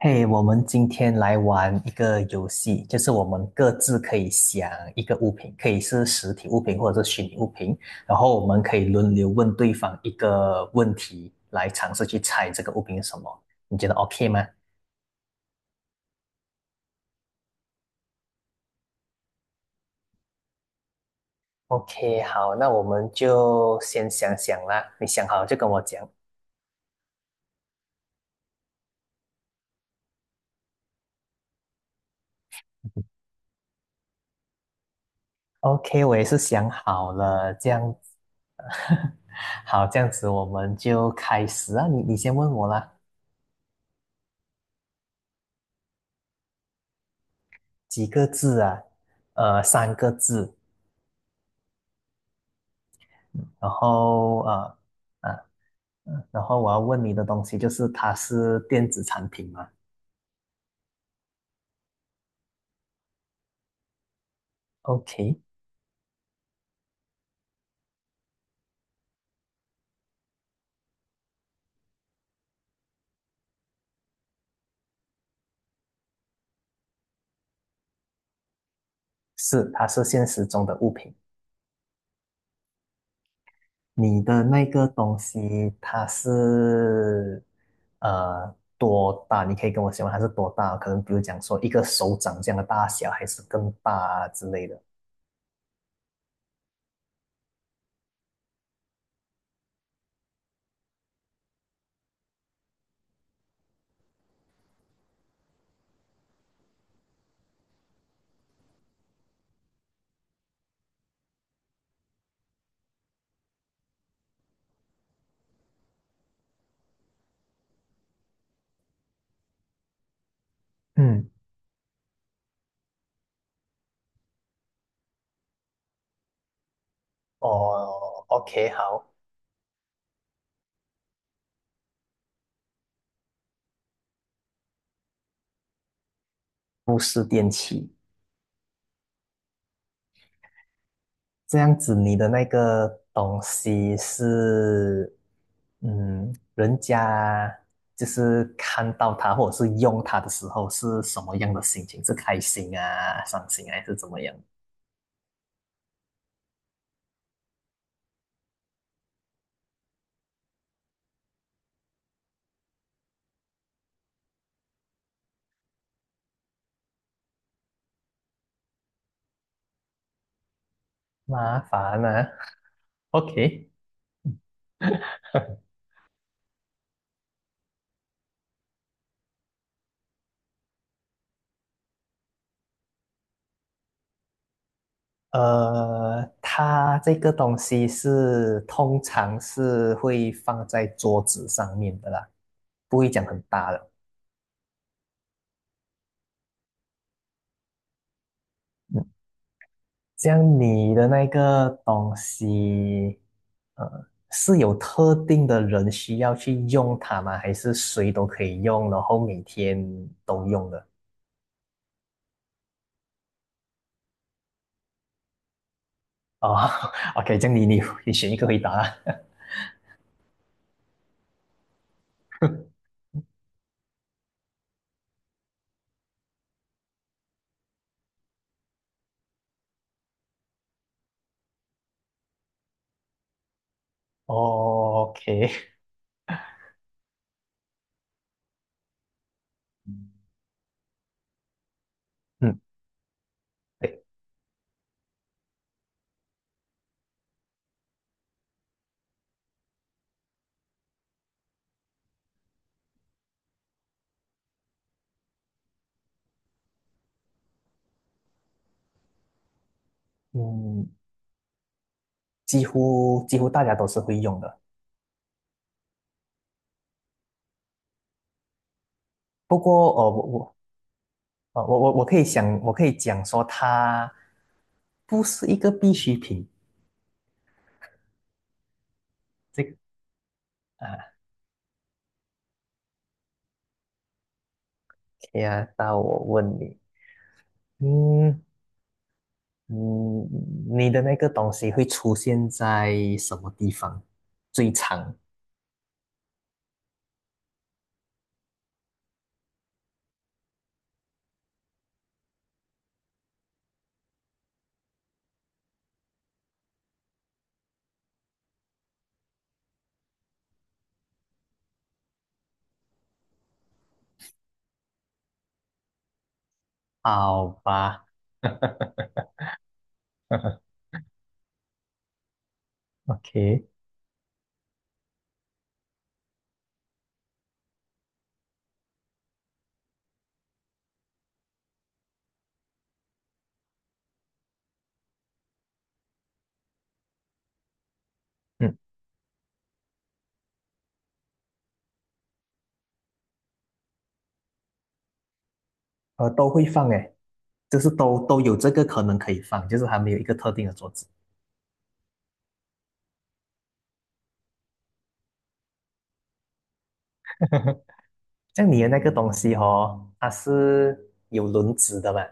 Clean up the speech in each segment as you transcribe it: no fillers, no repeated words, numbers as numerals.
嘿，我们今天来玩一个游戏，就是我们各自可以想一个物品，可以是实体物品或者是虚拟物品，然后我们可以轮流问对方一个问题，来尝试去猜这个物品是什么。你觉得 OK 吗？OK，好，那我们就先想想啦。你想好就跟我讲。OK，我也是想好了，这样子，好，这样子我们就开始啊。你先问我啦，几个字啊？三个字。然后啊然后我要问你的东西就是它是电子产品吗？OK，是，它是现实中的物品。你的那个东西它是多大？你可以跟我形容它是多大？可能比如讲说一个手掌这样的大小，还是更大啊之类的。嗯，哦，OK，好，不是电器。这样子，你的那个东西是，嗯，人家就是看到它或者是用它的时候是什么样的心情？是开心啊、伤心啊还是怎么样？麻烦啊，OK。它这个东西是通常是会放在桌子上面的啦，不会讲很大的。嗯，这样你的那个东西，是有特定的人需要去用它吗？还是谁都可以用，然后每天都用的？哦 ，OK，这样你选一个回答啊 哦，OK，嗯，对，嗯，几乎几乎大家都是会用的。不过，哦，我可以想，我可以讲说它不是一个必需品。这个啊，OK 啊，那我问你。嗯，嗯，你的那个东西会出现在什么地方最常？好吧 ，OK，嗯，都会放诶，就是都有这个可能可以放，就是还没有一个特定的桌子。像你的那个东西哦，它是有轮子的吧？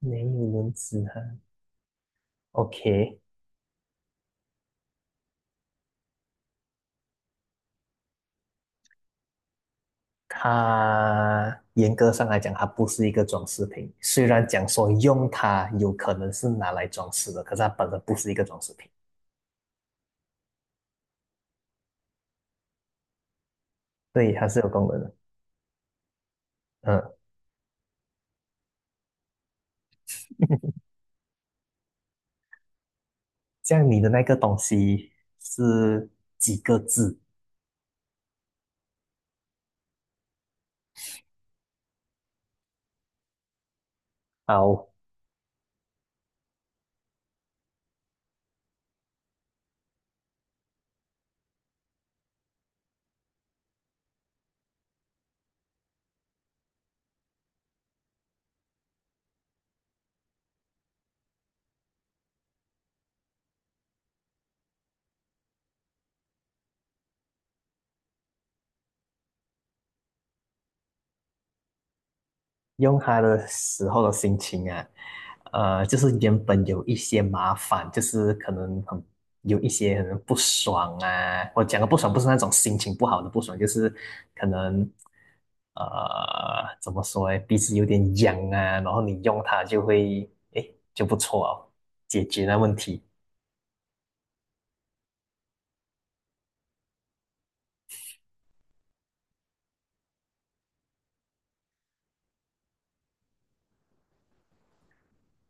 没有轮子哈。OK，它严格上来讲，它不是一个装饰品。虽然讲说用它有可能是拿来装饰的，可是它本身不是一个装饰品。对，它是有功能的。嗯，像你的那个东西是几个字？好，用它的时候的心情啊，就是原本有一些麻烦，就是可能很有一些可能不爽啊。我讲的不爽不是那种心情不好的不爽，就是可能呃怎么说诶，鼻子有点痒啊，然后你用它就会诶就不错哦，解决那问题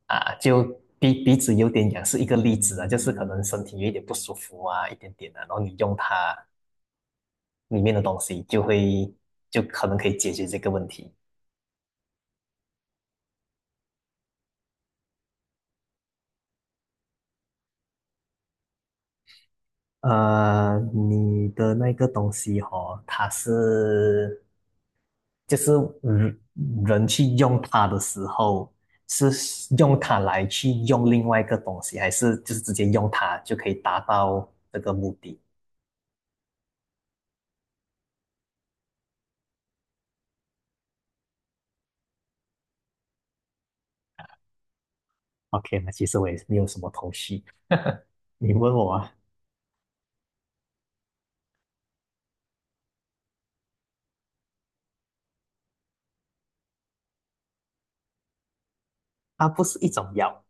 啊。就鼻子有点痒是一个例子啊，就是可能身体有一点不舒服啊，一点点啊，然后你用它。里面的东西，就会就可能可以解决这个问题。你的那个东西哦，它是就是人人去用它的时候，是用它来去用另外一个东西，还是就是直接用它就可以达到这个目的？OK，那其实我也是没有什么头绪。你问我啊，它不是一种药。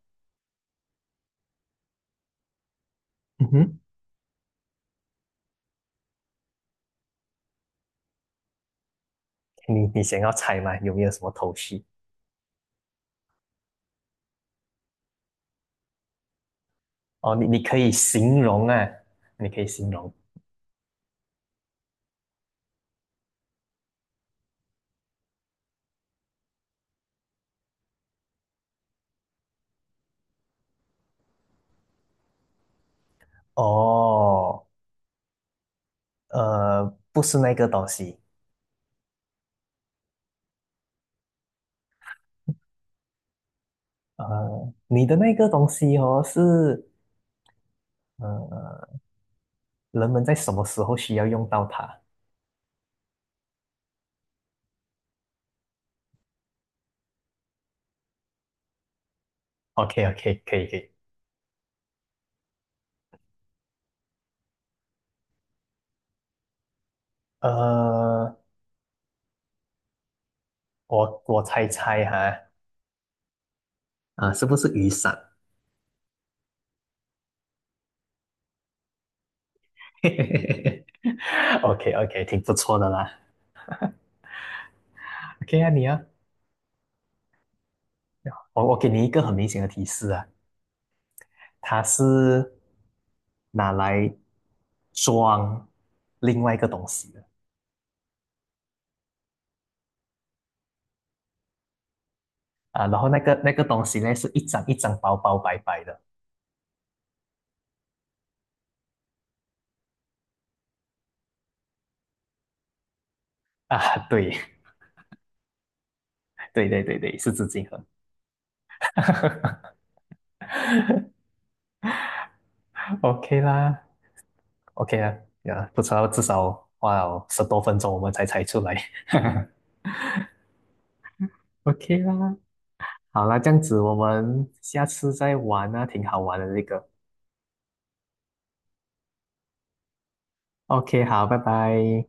嗯哼，你想要猜吗？有没有什么头绪？哦，你可以形容啊，你可以形容。哦，呃，不是那个东西，你的那个东西哦，是呃，人们在什么时候需要用到它？OK OK，可以可以，呃，我我猜猜哈，啊，是不是雨伞 ？OK OK，挺不错的啦。OK 啊，你啊，我给你一个很明显的提示啊，它是拿来装另外一个东西的。啊，然后那个东西呢，是一张一张薄薄白白的啊，对 对对对对，是纸巾盒。OK 啦，OK 啦，呀，不错道至少花了十多分钟我们才猜出来。OK 啦，好啦，这样子我们下次再玩啊，挺好玩的这个。OK，好，拜拜。